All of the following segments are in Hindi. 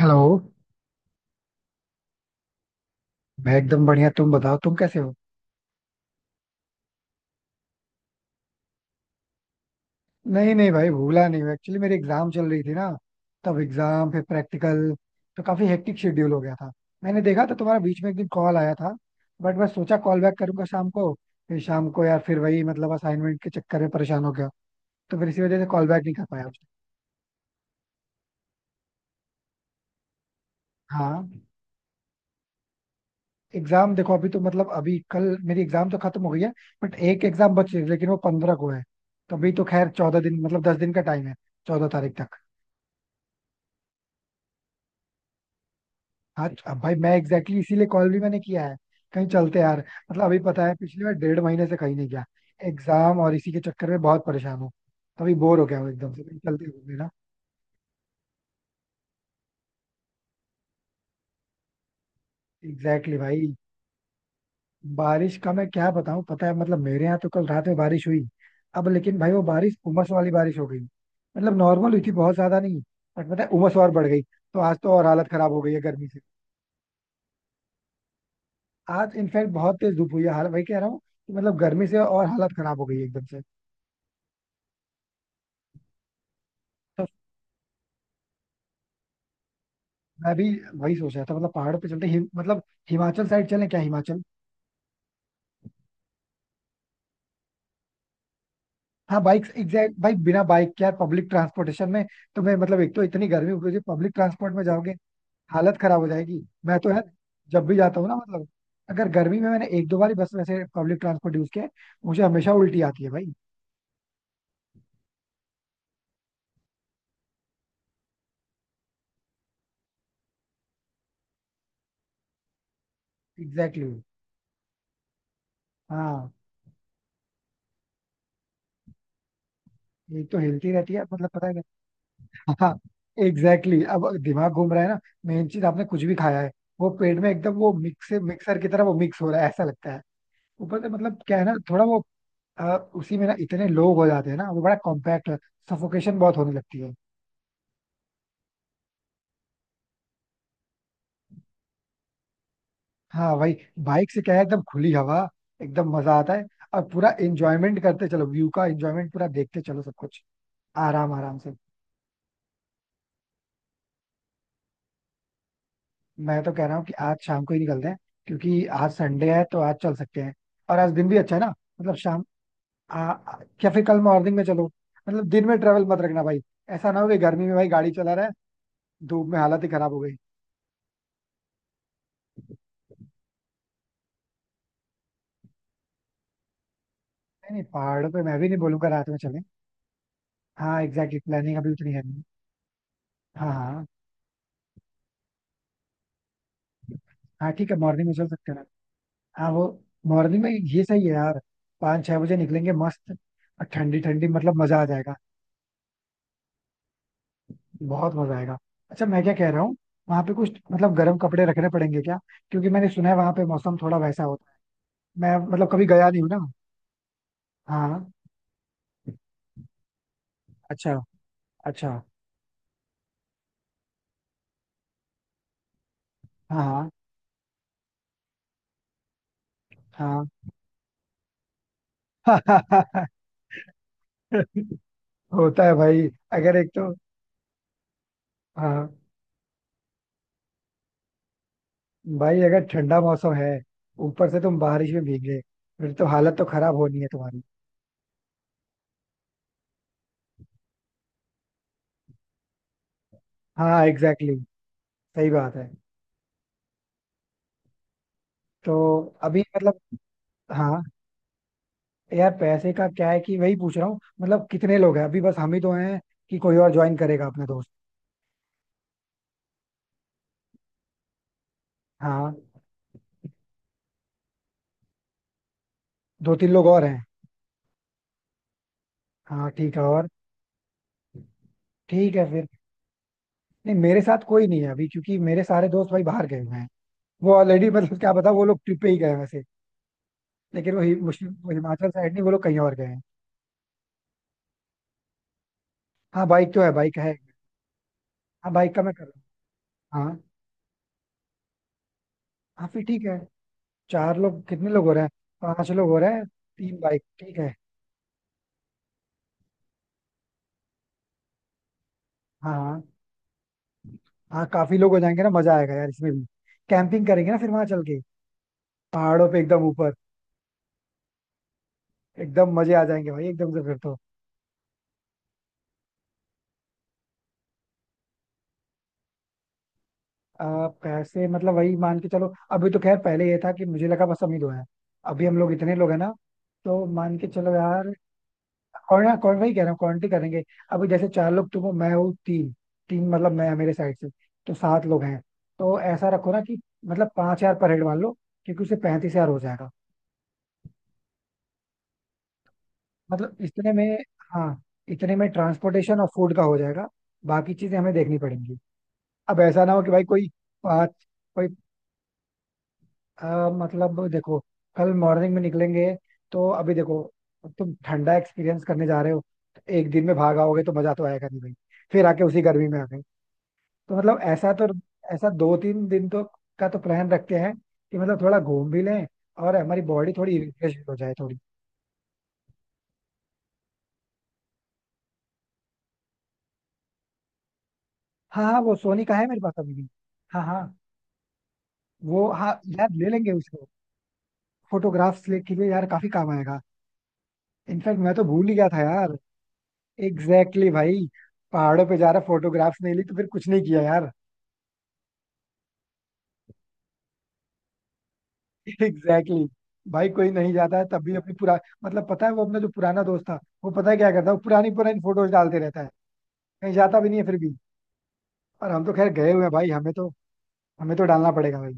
हेलो. मैं एकदम बढ़िया, तुम बताओ तुम कैसे हो. नहीं नहीं भाई, भूला नहीं, मैं एक्चुअली मेरी एग्जाम चल रही थी ना, तब एग्जाम फिर प्रैक्टिकल, तो काफी हेक्टिक शेड्यूल हो गया था. मैंने देखा था, तुम्हारा बीच में एक दिन कॉल आया था, बट मैं सोचा कॉल बैक करूंगा शाम को. फिर शाम को यार फिर वही मतलब असाइनमेंट के चक्कर में परेशान हो गया. तो फिर इसी वजह से कॉल बैक नहीं कर पाया मुझे. हाँ. एग्जाम देखो, अभी तो मतलब अभी कल मेरी एग्जाम तो खत्म हो गई है, बट एक एग्जाम बची है, लेकिन वो 15 को है. तो अभी तो खैर 14 दिन, मतलब 10 दिन का टाइम है, 14 तारीख तक. हाँ, अब भाई मैं एग्जैक्टली exactly इसीलिए कॉल भी मैंने किया है. कहीं चलते हैं यार. मतलब अभी पता है, पिछली बार 1.5 महीने से कहीं नहीं गया. एग्जाम और इसी के चक्कर में बहुत परेशान हूँ. तभी बोर हो गया हूँ एकदम से, कहीं चलते हैं घूमने ना. एग्जैक्टली exactly भाई. बारिश का मैं क्या बताऊँ, पता है मतलब मेरे यहाँ तो कल रात में बारिश हुई. अब लेकिन भाई वो बारिश उमस वाली बारिश हो गई, मतलब नॉर्मल हुई थी, बहुत ज्यादा नहीं. बट पता है, उमस और बढ़ गई तो आज तो और हालत खराब हो गई है गर्मी से. आज इनफैक्ट बहुत तेज धूप हुई है, हाल वही कह रहा हूँ कि मतलब गर्मी से और हालत खराब हो गई है एकदम से. तो मैं भी वही सोच रहा था, मतलब पहाड़ पे चलते मतलब हिमाचल साइड चलें क्या, हिमाचल. हाँ बाइक एग्जैक्ट भाई, बिना बाइक के यार पब्लिक ट्रांसपोर्टेशन में. तो मैं मतलब एक तो इतनी गर्मी हो रही है, पब्लिक ट्रांसपोर्ट में जाओगे हालत खराब हो जाएगी. मैं तो यार जब भी जाता हूँ ना, मतलब अगर गर्मी में. मैंने एक दो बार ही बस वैसे पब्लिक ट्रांसपोर्ट यूज किया है, मुझे हमेशा उल्टी आती है भाई. Exactly exactly. हाँ एक तो हिलती रहती है, मतलब पता है क्या? हाँ एग्जैक्टली exactly. अब दिमाग घूम रहा है ना. मेन चीज, आपने कुछ भी खाया है, वो पेट में एकदम वो मिक्स, मिक्सर की तरह वो मिक्स हो रहा है ऐसा लगता है. ऊपर से मतलब क्या है ना, थोड़ा वो उसी में ना इतने लोग हो जाते हैं ना, वो बड़ा कॉम्पैक्ट, सफोकेशन बहुत होने लगती है. हाँ वही. बाइक से क्या है एकदम खुली हवा, एकदम मजा आता है. और पूरा एंजॉयमेंट करते चलो, व्यू का एंजॉयमेंट पूरा देखते चलो सब कुछ, आराम आराम से. मैं तो कह रहा हूँ कि आज शाम को ही निकलते हैं, क्योंकि आज संडे है तो आज चल सकते हैं, और आज दिन भी अच्छा है ना. मतलब शाम आ, आ- या फिर कल मॉर्निंग में चलो. मतलब दिन में ट्रेवल मत रखना भाई, ऐसा ना हो कि गर्मी में भाई गाड़ी चला रहा है, धूप में हालत ही खराब हो गई. नहीं नहीं, पहाड़ों पे मैं भी नहीं बोलूंगा रात में चलें. हाँ एग्जैक्टली, प्लानिंग अभी उतनी है नहीं. हाँ हाँ. हाँ ठीक है, मॉर्निंग में चल सकते हैं ना. हाँ वो, मॉर्निंग में ये सही है यार. 5 6 बजे निकलेंगे मस्त, और ठंडी ठंडी, मतलब मजा आ जाएगा. बहुत मजा आएगा. अच्छा मैं क्या कह रहा हूँ, वहाँ पे कुछ मतलब गर्म कपड़े रखने पड़ेंगे क्या? क्योंकि मैंने सुना है वहाँ पे मौसम थोड़ा वैसा होता है. मैं मतलब कभी गया नहीं हूँ ना. हाँ. अच्छा, अच्छा. हाँ हाँ. हाँ. होता है भाई, अगर एक तो. हाँ भाई, अगर ठंडा मौसम है, ऊपर से तुम बारिश में भीगे, फिर तो हालत तो खराब होनी है तुम्हारी. हाँ एग्जैक्टली exactly, सही बात है. तो अभी मतलब. हाँ यार, पैसे का क्या है, कि वही पूछ रहा हूँ, मतलब कितने लोग हैं? अभी बस हम ही तो हैं, कि कोई और ज्वाइन करेगा अपना दोस्त? हाँ. 2 3 लोग और हैं. हाँ ठीक है और. ठीक है फिर. नहीं मेरे साथ कोई नहीं है अभी, क्योंकि मेरे सारे दोस्त भाई बाहर गए हुए हैं. वो ऑलरेडी, मतलब क्या पता वो लोग ट्रिप पे ही गए हैं वैसे. लेकिन वो हिमाचल साइड नहीं, वो लोग कहीं और गए हैं. हाँ बाइक तो है, बाइक है. हाँ बाइक का मैं कर हाँ हाँ फिर ठीक है. चार लोग, कितने लोग हो रहे हैं? 5 लोग हो रहे हैं. 3 बाइक ठीक है. हाँ हाँ. हाँ काफी लोग हो जाएंगे ना, मजा आएगा यार इसमें भी. कैंपिंग करेंगे ना फिर, वहां चल के पहाड़ों पे एकदम ऊपर, एकदम मजे आ जाएंगे भाई एकदम से फिर तो. पैसे मतलब वही मान के चलो, अभी तो खैर पहले ये था कि मुझे लगा बस हम ही दो हैं. अभी हम लोग इतने लोग हैं ना, तो मान के चलो यार. और ना कौन, वही कह रहा हूँ क्वांटिटी करेंगे. अभी जैसे चार लोग तुम हो, मैं हूँ तीन, तीन मतलब मैं मेरे साइड से, तो 7 लोग हैं. तो ऐसा रखो ना कि, मतलब 5,000 पर हेड मान लो, क्योंकि उससे 35,000 हो जाएगा. मतलब इतने में. हाँ, इतने में ट्रांसपोर्टेशन और फूड का हो जाएगा, बाकी चीजें हमें देखनी पड़ेंगी. अब ऐसा ना हो कि भाई कोई. पाँच. कोई मतलब देखो, कल मॉर्निंग में निकलेंगे. तो अभी देखो, तुम ठंडा एक्सपीरियंस करने जा रहे हो, तो एक दिन में भाग आओगे तो मजा तो आएगा नहीं भाई. फिर आके उसी गर्मी में आ गए, तो मतलब ऐसा तो. ऐसा 2 3 दिन तो का तो प्लान रखते हैं कि मतलब थोड़ा घूम भी लें, और हमारी बॉडी थोड़ी रिफ्रेश हो जाए थोड़ी. हाँ हाँ, वो सोनी का है मेरे पास अभी भी. हाँ हाँ वो, हाँ. यार ले लेंगे उसको, फोटोग्राफ्स ले के लिए यार काफी काम आएगा. इनफैक्ट मैं तो भूल ही गया था यार. एग्जैक्टली exactly भाई. पहाड़ों पे जा रहा फोटोग्राफ्स नहीं ली तो फिर कुछ नहीं किया यार. Exactly exactly. भाई कोई नहीं जाता है तब भी, अपनी पुरा, मतलब पता है वो अपना जो पुराना दोस्त था, वो पता है क्या करता है, वो पुरानी पुरानी फोटोज डालते रहता है. कहीं जाता भी नहीं है फिर भी. और हम तो खैर गए हुए हैं भाई, हमें तो, हमें तो डालना पड़ेगा भाई.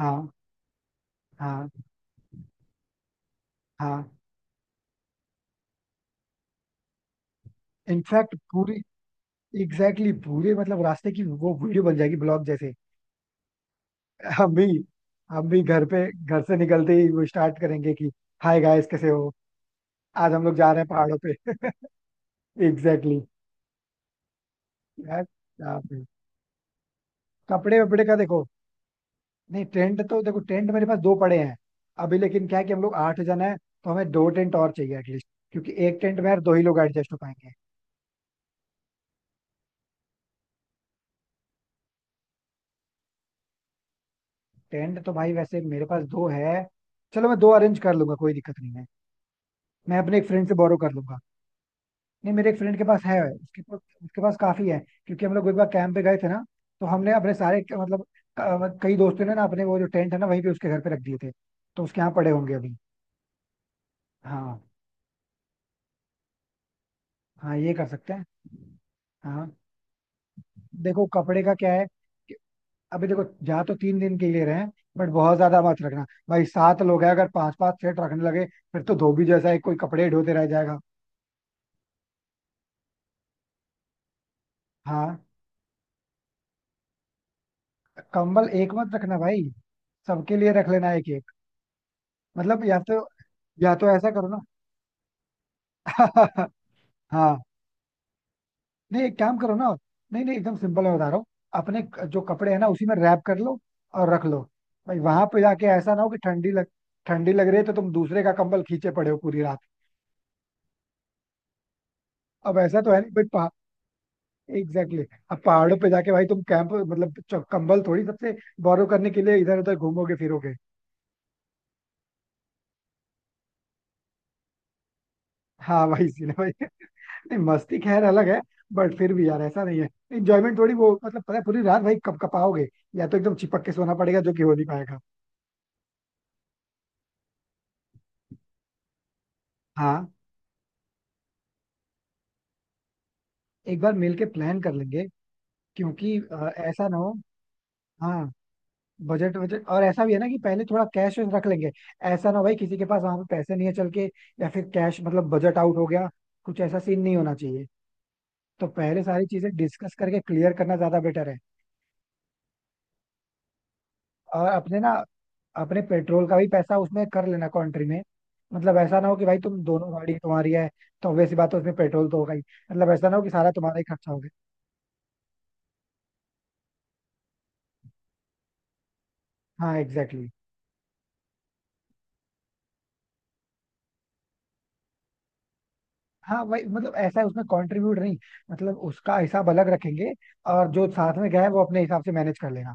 हाँ हाँ. हाँ इनफैक्ट पूरी, एग्जैक्टली exactly, पूरे मतलब रास्ते की वो वीडियो बन जाएगी, ब्लॉग जैसे. हम भी, हम भी घर पे, घर से निकलते ही वो स्टार्ट करेंगे कि हाय गाइस कैसे हो, आज हम लोग जा रहे हैं पहाड़ों पे. Exactly exactly. यार क्या फिर. कपड़े वपड़े का देखो. नहीं टेंट तो देखो, टेंट मेरे पास दो पड़े हैं. अभी लेकिन क्या है कि हम लोग 8 जन है, तो हमें 2 टेंट और चाहिए एटलीस्ट, क्योंकि एक टेंट में यार 2 ही लोग एडजस्ट हो पाएंगे. टेंट तो भाई वैसे मेरे पास 2 है. चलो मैं दो अरेंज कर लूंगा, कोई दिक्कत नहीं है. मैं अपने एक फ्रेंड से बोरो कर लूंगा. नहीं मेरे एक फ्रेंड के पास है, उसके पास, उसके पास काफी है. क्योंकि हम लोग एक बार कैंप पे गए थे ना, तो हमने अपने सारे, मतलब कई दोस्तों ने ना अपने वो जो टेंट है ना वहीं पे उसके घर पे रख दिए थे, तो उसके यहाँ पड़े होंगे अभी. हाँ. हाँ ये कर सकते हैं. हाँ. देखो कपड़े का क्या है कि, अभी देखो जा तो 3 दिन के लिए रहे हैं, बट बहुत ज्यादा मत रखना. भाई 7 लोग हैं, अगर 5 5 सेट रखने लगे, फिर तो धोबी जैसा एक कोई कपड़े ढोते रह जाएगा. हाँ. कंबल एक मत रखना भाई, सबके लिए रख लेना एक एक. मतलब या तो, या तो ऐसा करो ना. हाँ. नहीं एक काम करो ना, नहीं नहीं एकदम सिंपल मैं बता रहा हूँ. अपने जो कपड़े हैं ना उसी में रैप कर लो, और रख लो. भाई वहां पे जाके ऐसा ना हो कि ठंडी लग रही है तो तुम दूसरे का कंबल खींचे पड़े हो पूरी रात. अब ऐसा तो है नहीं भाई पहा एग्जैक्टली exactly. अब पहाड़ों पे जाके भाई तुम कैंप मतलब कंबल थोड़ी सबसे बोरो करने के लिए इधर उधर घूमोगे फिरोगे. हाँ. भाई इसीलिए भाई, नहीं मस्ती खैर अलग है. बट फिर भी यार ऐसा नहीं है, इंजॉयमेंट थोड़ी वो मतलब, पता है पूरी रात भाई कब कपाओगे, या तो एकदम चिपक के सोना पड़ेगा, जो कि हो नहीं पाएगा. हाँ. एक बार मिल के प्लान कर लेंगे, क्योंकि ऐसा ना हो. हाँ. बजट, बजट और ऐसा भी है ना कि पहले थोड़ा कैश रख लेंगे. ऐसा ना हो भाई किसी के पास वहां पे पैसे नहीं है चल के, या फिर कैश मतलब बजट आउट हो गया, कुछ ऐसा सीन नहीं होना चाहिए. तो पहले सारी चीजें डिस्कस करके क्लियर करना ज्यादा बेटर है. और अपने ना, अपने पेट्रोल का भी पैसा उसमें कर लेना कंट्री में. मतलब ऐसा ना हो कि भाई तुम दोनों गाड़ी तुम्हारी है, तो obvious सी बात है उसमें पेट्रोल तो होगा ही. मतलब ऐसा ना हो कि सारा तुम्हारा ही खर्चा हो गया. हाँ एग्जैक्टली exactly. हाँ वही, मतलब ऐसा है उसमें कंट्रीब्यूट नहीं, मतलब उसका हिसाब अलग रखेंगे, और जो साथ में गया है वो अपने हिसाब से मैनेज कर लेगा.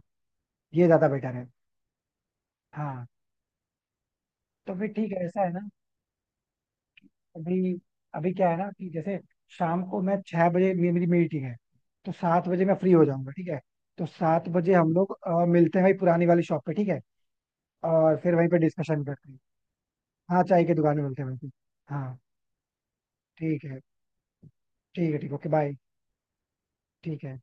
ये ज्यादा बेटर है. हाँ. तो फिर ठीक है, ऐसा है ना. अभी, अभी क्या है ना कि जैसे, शाम को मैं 6 बजे मेरी मीटिंग है, तो 7 बजे मैं फ्री हो जाऊंगा, ठीक है. तो 7 बजे हम लोग मिलते हैं भाई, पुरानी वाली शॉप पे ठीक है, और फिर वहीं पे डिस्कशन करते हैं. हाँ चाय की दुकान में मिलते हैं वहीं पे, हाँ. ठीक है, ठीक है, ठीक, ओके बाय. ठीक है.